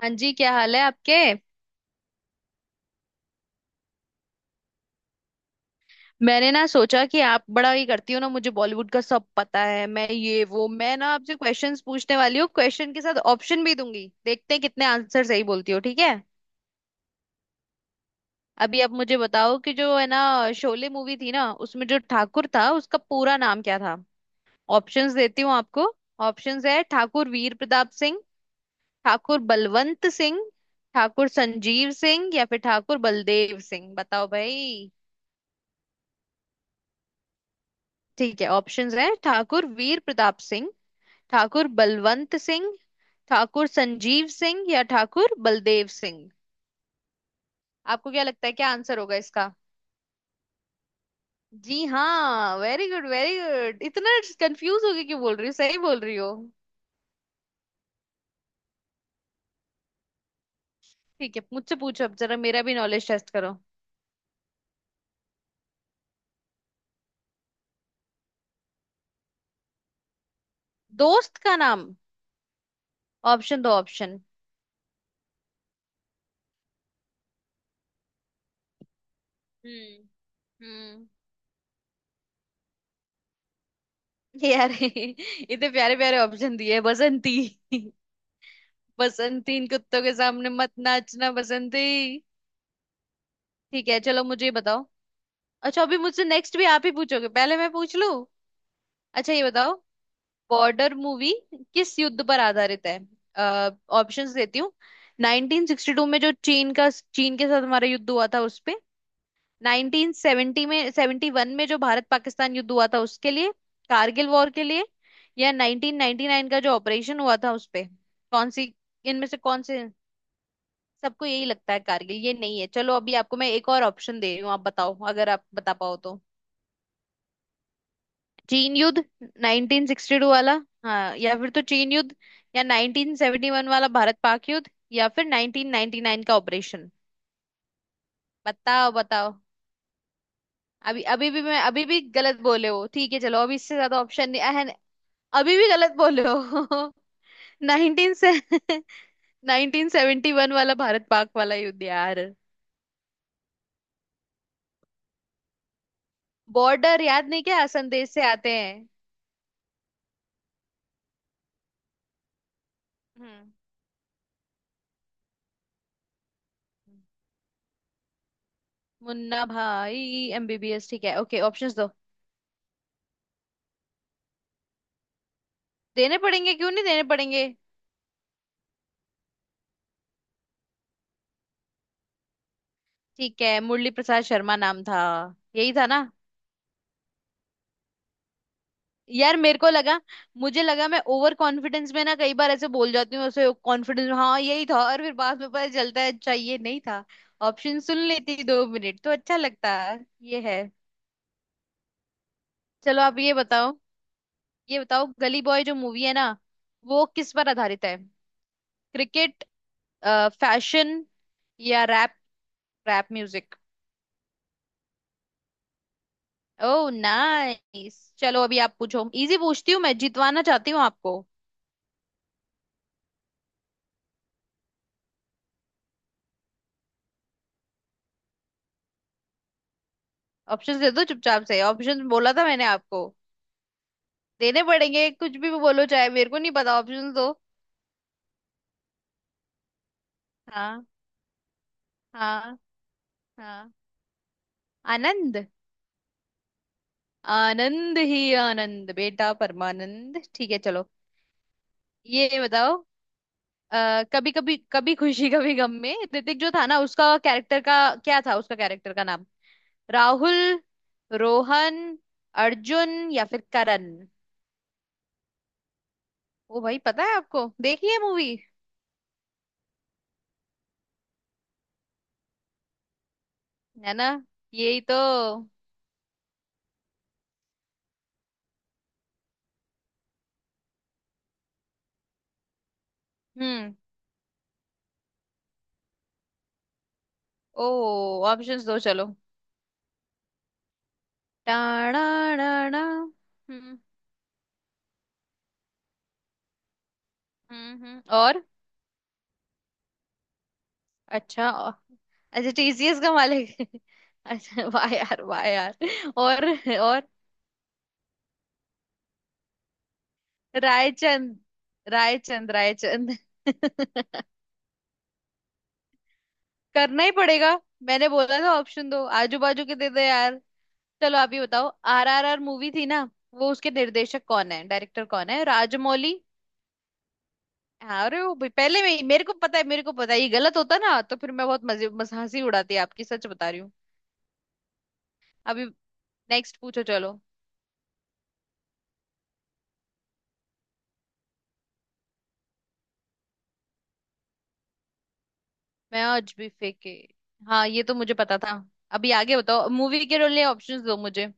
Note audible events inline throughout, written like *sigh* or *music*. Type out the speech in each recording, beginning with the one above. हाँ जी, क्या हाल है आपके? मैंने ना सोचा कि आप बड़ा ये करती हो ना, मुझे बॉलीवुड का सब पता है। मैं ये वो मैं ना आपसे क्वेश्चंस पूछने वाली हूँ, क्वेश्चन के साथ ऑप्शन भी दूंगी, देखते हैं कितने आंसर सही बोलती हो, ठीक है। अभी आप मुझे बताओ कि जो है ना, शोले मूवी थी ना, उसमें जो ठाकुर था उसका पूरा नाम क्या था। ऑप्शंस देती हूँ आपको। ऑप्शंस है— ठाकुर वीर प्रताप सिंह, ठाकुर बलवंत सिंह, ठाकुर संजीव सिंह या फिर ठाकुर बलदेव सिंह। बताओ भाई। ठीक है, ऑप्शंस हैं— ठाकुर वीर प्रताप सिंह, ठाकुर बलवंत सिंह, ठाकुर संजीव सिंह या ठाकुर बलदेव सिंह। आपको क्या लगता है क्या आंसर होगा इसका? जी हाँ, वेरी गुड वेरी गुड। इतना कंफ्यूज होके क्यों बोल रही हो, सही बोल रही हो। ठीक है, मुझसे पूछो अब, जरा मेरा भी नॉलेज टेस्ट करो। दोस्त का नाम। ऑप्शन दो, ऑप्शन। हम्म। हम्म। यार *laughs* इतने प्यारे प्यारे ऑप्शन दिए, बसंती। *laughs* बसंती, इन कुत्तों के सामने मत नाचना बसंती। ठीक है, चलो मुझे ये बताओ। अच्छा, अभी मुझसे नेक्स्ट भी आप ही पूछोगे, पहले मैं पूछ लूं। अच्छा, ये बताओ, बॉर्डर मूवी किस युद्ध पर आधारित है। ऑप्शंस देती हूँ। 1962 में जो चीन के साथ हमारा युद्ध हुआ था उस पे। 1970 में 71 में जो भारत पाकिस्तान युद्ध हुआ था उसके लिए। कारगिल वॉर के लिए। या 1999 का जो ऑपरेशन हुआ था उस पे। कौन सी? इनमें से कौन से? सबको यही लगता है कारगिल, ये नहीं है। चलो, अभी आपको मैं एक और ऑप्शन दे रही हूँ, आप बताओ अगर आप बता पाओ तो। चीन युद्ध, 1962 वाला, हाँ, या फिर तो चीन युद्ध या 1971 वाला भारत पाक युद्ध या फिर 1999 का ऑपरेशन। बताओ बताओ। अभी अभी भी मैं अभी भी गलत बोले हो। ठीक है चलो, अभी इससे ज्यादा ऑप्शन नहीं। अहन। अभी भी गलत बोले हो। *laughs* नाइनटीन से *laughs* नाइनटीन सेवेंटी वन वाला भारत पाक वाला युद्ध, यार। बॉर्डर याद नहीं क्या, संदेश से आते हैं। हम्म। मुन्ना भाई एमबीबीएस, ठीक है, ओके, ऑप्शंस दो। देने पड़ेंगे, क्यों नहीं देने पड़ेंगे। ठीक है, मुरली प्रसाद शर्मा नाम था, यही था ना। यार मेरे को लगा मुझे लगा मैं ओवर कॉन्फिडेंस में ना कई बार ऐसे बोल जाती हूँ, ऐसे कॉन्फिडेंस, हाँ यही था, और फिर बाद में पता चलता है अच्छा ये नहीं था। ऑप्शन सुन लेती दो मिनट तो अच्छा लगता है ये है। चलो, आप ये बताओ, गली बॉय जो मूवी है ना, वो किस पर आधारित है— क्रिकेट, फैशन या रैप, रैप म्यूजिक। ओ नाइस, चलो अभी आप पूछो, इजी पूछती हूँ, मैं जितवाना चाहती हूँ आपको। ऑप्शन दे दो चुपचाप से, ऑप्शन बोला था मैंने आपको, देने पड़ेंगे, कुछ भी बोलो चाहे, मेरे को नहीं पता, ऑप्शन दो। हाँ। हाँ। हाँ। आनंद। आनंद ही आनंद बेटा, परमानंद, ठीक है चलो। ये बताओ, कभी कभी कभी खुशी कभी गम में ऋतिक जो था ना उसका कैरेक्टर का क्या था, उसका कैरेक्टर का नाम— राहुल, रोहन, अर्जुन या फिर करण। ओ भाई, पता है आपको, देखिए मूवी, है ना, यही तो। हम्म। ओ। ऑप्शंस दो चलो। टाणा। हम्म। हम्म। और अच्छा अच्छा, टीसीएस का मालिक *laughs* अच्छा वाह यार, वाह यार। और। और। रायचंद। रायचंद रायचंद। *laughs* करना ही पड़ेगा। मैंने बोला था ऑप्शन दो, आजू बाजू के दे दे यार। चलो आप ही बताओ, आरआरआर मूवी थी ना, वो उसके निर्देशक कौन है, डायरेक्टर कौन है— राजमौली। हाँ, अरे वो भाई, मेरे को पता है, मेरे को पता है, ये गलत होता ना तो फिर मैं बहुत मजे मस हंसी उड़ाती आपकी, सच बता रही हूँ। अभी, नेक्स्ट पूछो चलो। मैं आज भी फेंके, हाँ ये तो मुझे पता था। अभी आगे बताओ, मूवी के लिए ऑप्शंस दो मुझे।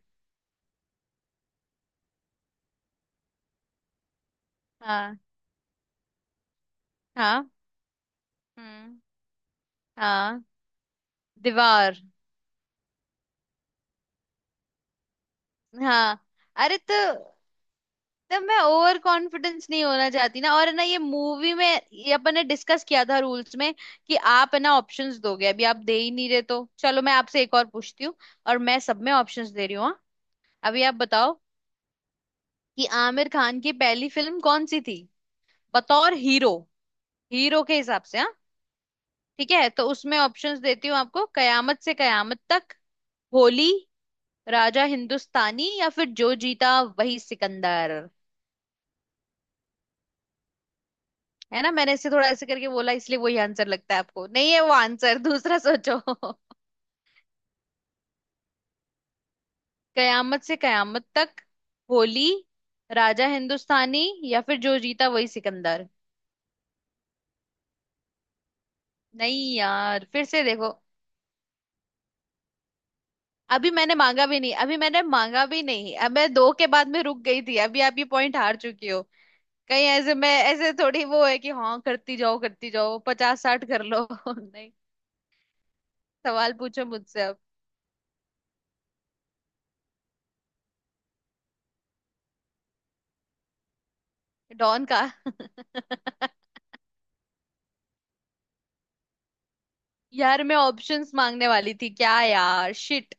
हाँ। हाँ। हम्म। हाँ। दीवार। हाँ, अरे तो मैं ओवर कॉन्फिडेंस नहीं होना चाहती ना, और है ना ये मूवी में। ये अपन ने डिस्कस किया था रूल्स में कि आप है ना ऑप्शंस दोगे, अभी आप दे ही नहीं रहे तो चलो, मैं आपसे एक और पूछती हूँ। और मैं सब में ऑप्शंस दे रही हूँ, हाँ? अभी आप बताओ कि आमिर खान की पहली फिल्म कौन सी थी, बतौर हीरो, हीरो के हिसाब से, हाँ। ठीक है, तो उसमें ऑप्शंस देती हूँ आपको— कयामत से कयामत तक, होली, राजा हिंदुस्तानी या फिर जो जीता वही सिकंदर। है ना, मैंने इससे थोड़ा ऐसे करके बोला इसलिए वही आंसर लगता है आपको, नहीं है वो आंसर, दूसरा सोचो। *laughs* कयामत से कयामत तक, होली, राजा हिंदुस्तानी या फिर जो जीता वही सिकंदर। नहीं यार, फिर से देखो। अभी मैंने मांगा भी नहीं, अभी मैंने मांगा भी नहीं, अब मैं दो के बाद में रुक गई थी, अभी आप ये पॉइंट हार चुकी हो। कहीं ऐसे मैं ऐसे थोड़ी वो है कि हाँ करती जाओ पचास साठ कर लो। *laughs* नहीं। सवाल पूछो मुझसे अब। डॉन का। *laughs* यार मैं ऑप्शंस मांगने वाली थी, क्या यार शिट।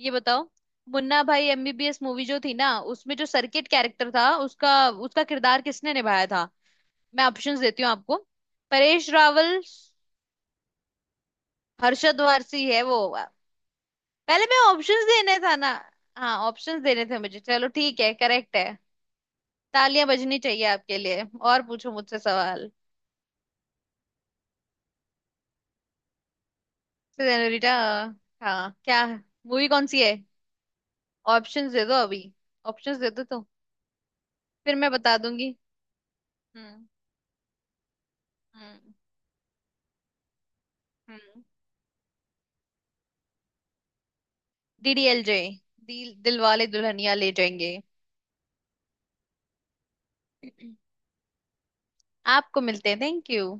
ये बताओ मुन्ना भाई एमबीबीएस मूवी जो थी ना, उसमें जो सर्किट कैरेक्टर था, उसका उसका किरदार किसने निभाया था। मैं ऑप्शंस देती हूँ आपको— परेश रावल, हर्षद वारसी है वो। पहले मैं ऑप्शंस देने था ना, हाँ ऑप्शंस देने थे मुझे, चलो ठीक है, करेक्ट है। तालियां बजनी चाहिए आपके लिए, और पूछो मुझसे सवाल। रिटा, हाँ क्या, मूवी कौन सी है, ऑप्शंस दे दो अभी, ऑप्शंस दे दो तो फिर मैं बता दूंगी। हम्म। हम्म। हम्म। डीडीएलजे, दिलवाले दुल्हनिया ले जाएंगे। आपको मिलते हैं, थैंक यू।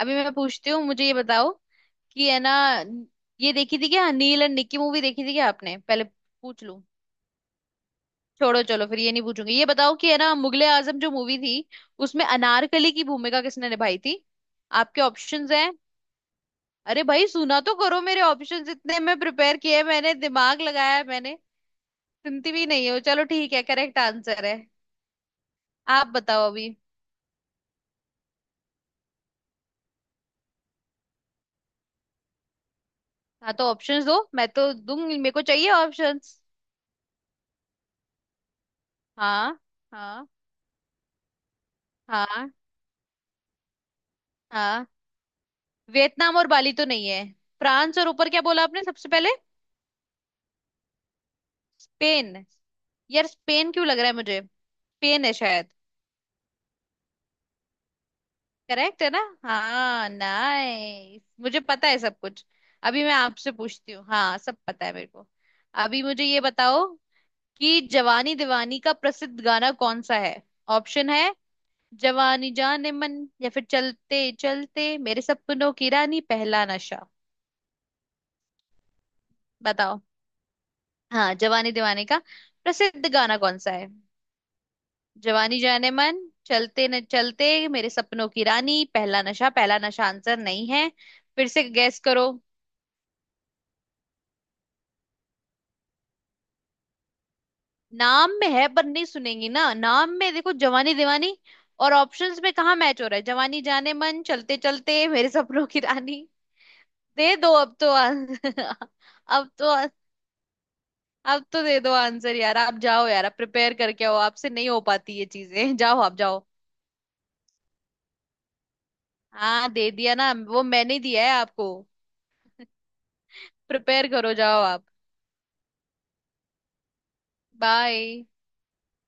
अभी मैं पूछती हूँ, मुझे ये बताओ कि है ना, ये देखी थी क्या नील एंड निक्की मूवी, देखी थी क्या आपने, पहले पूछ लूं। छोड़ो चलो, फिर ये नहीं पूछूंगी। ये बताओ कि है ना, मुगले आजम जो मूवी थी, उसमें अनारकली की भूमिका किसने निभाई थी। आपके ऑप्शंस हैं— अरे भाई, सुना तो करो मेरे ऑप्शंस, इतने मैं प्रिपेयर किए, मैंने दिमाग लगाया है, मैंने सुनती भी नहीं हो, चलो ठीक है, करेक्ट आंसर है। आप बताओ अभी। हाँ तो ऑप्शंस दो, मैं तो दूंगी, मेरे को चाहिए ऑप्शंस। हाँ। हाँ। हाँ। हाँ। वियतनाम और बाली तो नहीं है। फ्रांस, और ऊपर क्या बोला आपने सबसे पहले? स्पेन। यार, स्पेन क्यों लग रहा है मुझे, स्पेन है शायद। करेक्ट है ना? हाँ नाइस, मुझे पता है सब कुछ। अभी मैं आपसे पूछती हूँ, हाँ सब पता है मेरे को। अभी मुझे ये बताओ कि जवानी दीवानी का प्रसिद्ध गाना कौन सा है। ऑप्शन है— जवानी जान मन, या फिर चलते चलते, मेरे सपनों की रानी, पहला नशा। बताओ। हाँ, जवानी दीवानी का प्रसिद्ध गाना कौन सा है— जवानी जाने मन, चलते न चलते, मेरे सपनों की रानी, पहला नशा। पहला नशा आंसर नहीं है, फिर से गैस करो। नाम में है पर नहीं सुनेंगी ना, नाम में देखो जवानी दीवानी, और ऑप्शंस में कहाँ मैच हो रहा है— जवानी जाने मन, चलते चलते, मेरे सपनों की रानी। दे दो अब तो *laughs* अब तो, अब तो दे दो आंसर यार। आप जाओ यार, आप प्रिपेयर करके आओ, आपसे नहीं हो पाती ये चीजें। *laughs* जाओ आप जाओ। हाँ दे दिया ना वो, मैंने दिया है आपको, प्रिपेयर करो जाओ आप, बाय।